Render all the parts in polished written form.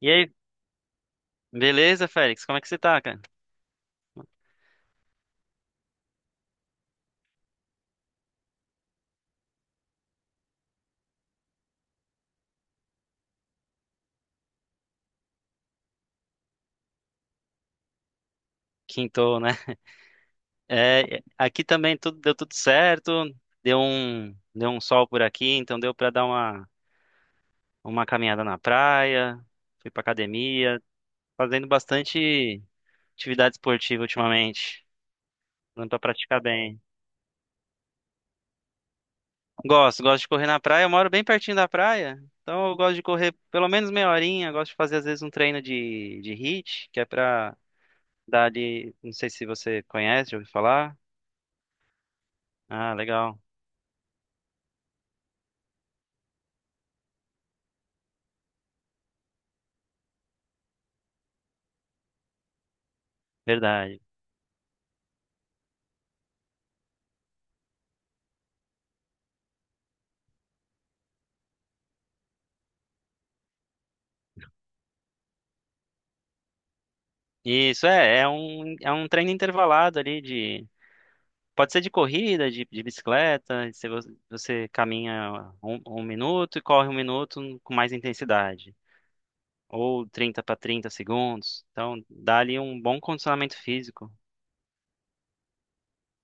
E aí, beleza, Félix? Como é que você tá, cara? Quintou, né? É, aqui também tudo deu tudo certo. Deu um sol por aqui, então deu pra dar uma caminhada na praia. Fui pra academia, fazendo bastante atividade esportiva ultimamente. Dando pra praticar bem. Gosto, gosto de correr na praia. Eu moro bem pertinho da praia, então eu gosto de correr pelo menos meia horinha. Gosto de fazer às vezes um treino de HIIT, que é pra dar ali. Não sei se você conhece, já ouviu falar. Ah, legal. Verdade. Isso é um treino intervalado ali de. Pode ser de corrida, de bicicleta, se você caminha um minuto e corre um minuto com mais intensidade. Ou 30 para 30 segundos. Então, dá ali um bom condicionamento físico.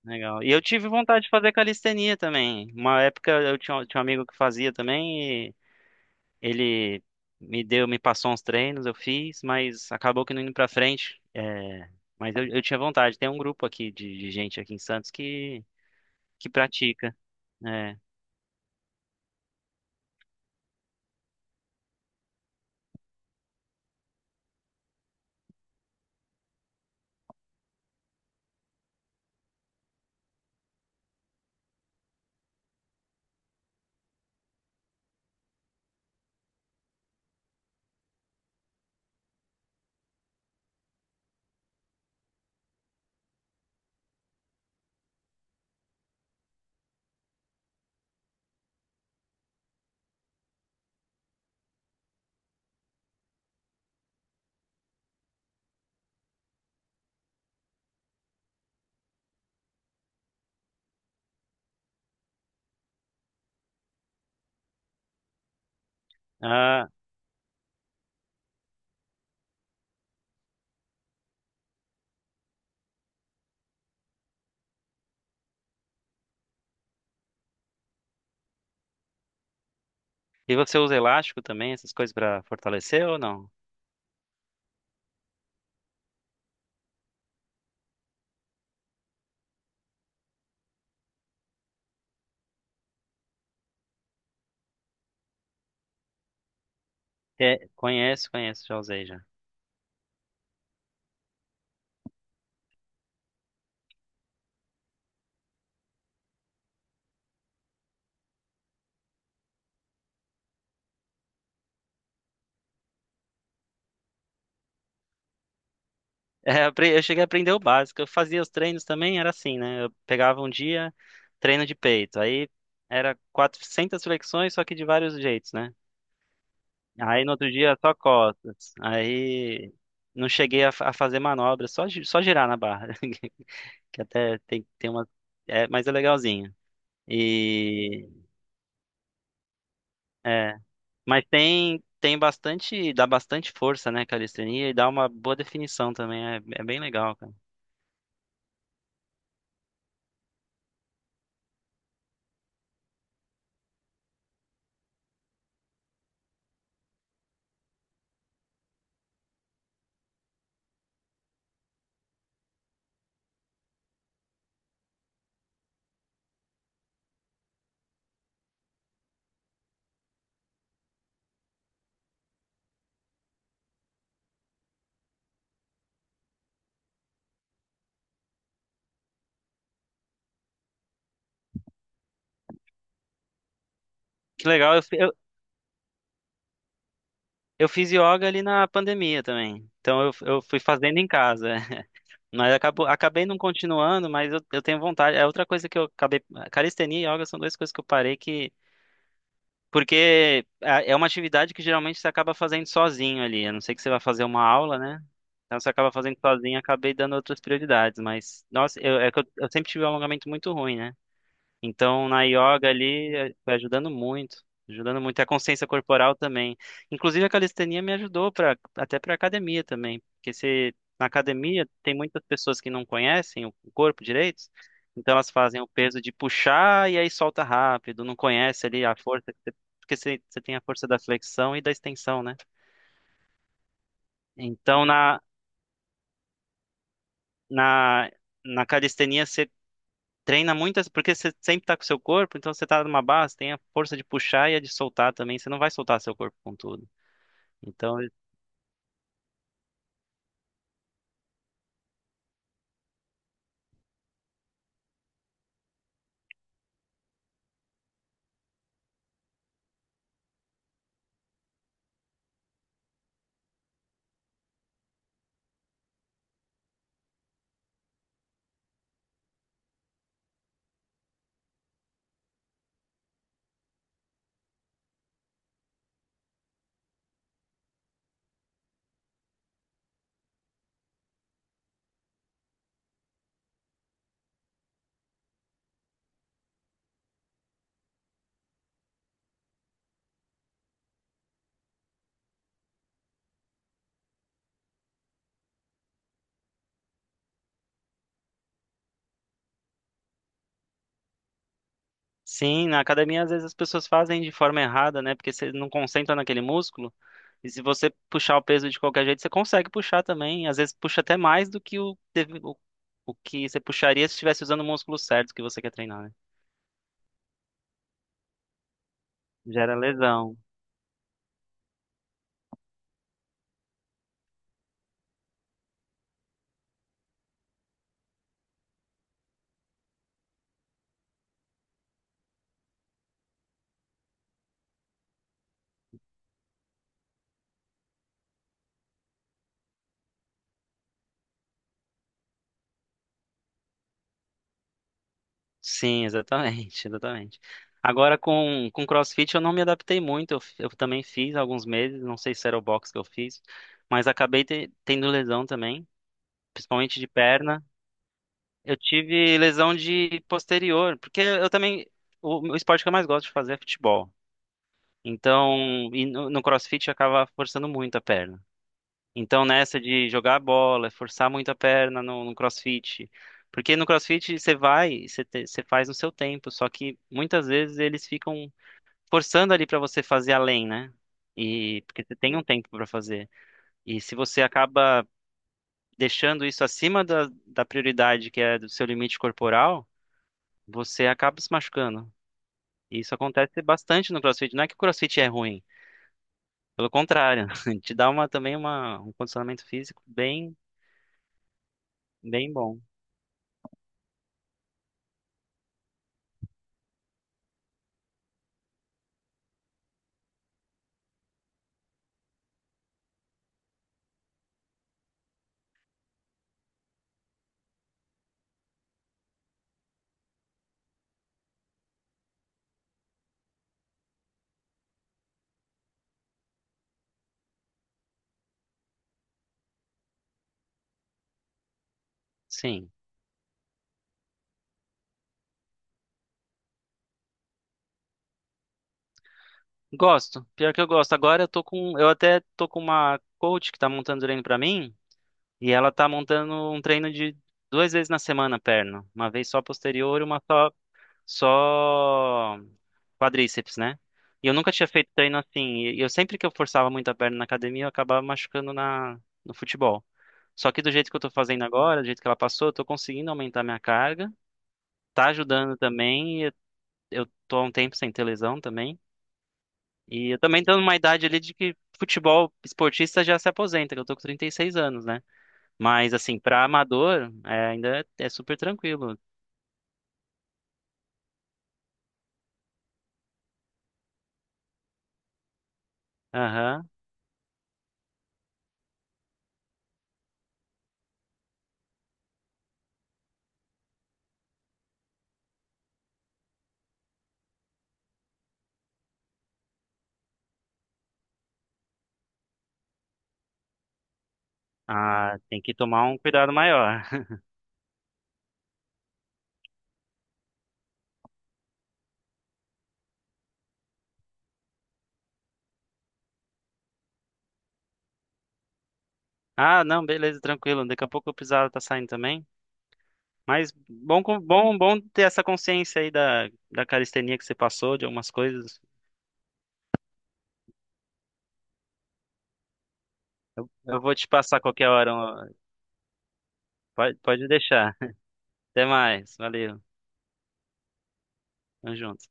Legal. E eu tive vontade de fazer calistenia também. Uma época eu tinha um amigo que fazia também. Ele me me passou uns treinos, eu fiz, mas acabou que não indo pra frente. É, mas eu tinha vontade. Tem um grupo aqui de gente aqui em Santos que pratica, né? Ah, e você usa elástico também, essas coisas pra fortalecer ou não? É, conheço, conheço, já usei já. É, eu cheguei a aprender o básico. Eu fazia os treinos também, era assim, né? Eu pegava um dia, treino de peito. Aí era 400 flexões, só que de vários jeitos, né? Aí no outro dia só costas. Aí não cheguei a, a fazer manobra, só, só girar na barra, que até tem uma. É, mas é legalzinho. E é, mas tem bastante, dá bastante força, né, calistenia e dá uma boa definição também, é, é bem legal, cara. Que legal, eu fiz yoga ali na pandemia também. Então eu fui fazendo em casa. Mas acabei não continuando, mas eu tenho vontade. É outra coisa que eu acabei. Calistenia e yoga são duas coisas que eu parei que porque é uma atividade que geralmente você acaba fazendo sozinho ali. A não ser que você vá fazer uma aula, né? Então você acaba fazendo sozinho, acabei dando outras prioridades. Mas, nossa, é que eu sempre tive um alongamento muito ruim, né? Então, na yoga ali, foi ajudando muito. E a consciência corporal também. Inclusive, a calistenia me ajudou pra, até para academia também. Porque se, na academia tem muitas pessoas que não conhecem o corpo direito, então elas fazem o peso de puxar e aí solta rápido, não conhece ali a força, porque você tem a força da flexão e da extensão, né? Então, na, na calistenia, treina muitas, porque você sempre tá com o seu corpo, então você tá numa base, tem a força de puxar e a de soltar também, você não vai soltar seu corpo com tudo. Então, sim, na academia às vezes as pessoas fazem de forma errada, né? Porque você não concentra naquele músculo, e se você puxar o peso de qualquer jeito, você consegue puxar também, às vezes puxa até mais do que o que você puxaria se estivesse usando o músculo certo que você quer treinar, né? Gera lesão. Sim, exatamente, exatamente. Agora com CrossFit eu não me adaptei muito, eu também fiz alguns meses, não sei se era o box que eu fiz, mas acabei tendo lesão também, principalmente de perna. Eu tive lesão de posterior, porque eu também, o esporte que eu mais gosto de fazer é futebol. Então, e no CrossFit acaba forçando muito a perna. Então, nessa de jogar a bola, forçar muito a perna no CrossFit. Porque no CrossFit você vai, você faz no seu tempo, só que muitas vezes eles ficam forçando ali pra você fazer além, né? E porque você tem um tempo pra fazer. E se você acaba deixando isso acima da prioridade que é do seu limite corporal, você acaba se machucando. E isso acontece bastante no CrossFit. Não é que o CrossFit é ruim, pelo contrário, te dá uma também um condicionamento físico bem, bem bom. Sim. Gosto, pior que eu gosto. Agora eu tô com, eu até tô com uma coach que tá montando treino pra mim, e ela tá montando um treino de duas vezes na semana perna, uma vez só posterior e uma só só quadríceps, né? E eu nunca tinha feito treino assim, e eu sempre que eu forçava muito a perna na academia, eu acabava machucando na no futebol. Só que do jeito que eu tô fazendo agora, do jeito que ela passou, eu tô conseguindo aumentar minha carga, tá ajudando também, e eu tô há um tempo sem ter lesão também. E eu também tô numa idade ali de que futebol esportista já se aposenta, que eu tô com 36 anos, né? Mas assim, pra amador, é, ainda é super tranquilo. Aham. Ah, tem que tomar um cuidado maior. Ah, não, beleza, tranquilo. Daqui a pouco o Pizarro tá saindo também. Mas bom, bom, bom ter essa consciência aí da calistenia que você passou, de algumas coisas. Eu vou te passar qualquer hora, ó. Pode deixar. Até mais. Valeu. Tamo junto.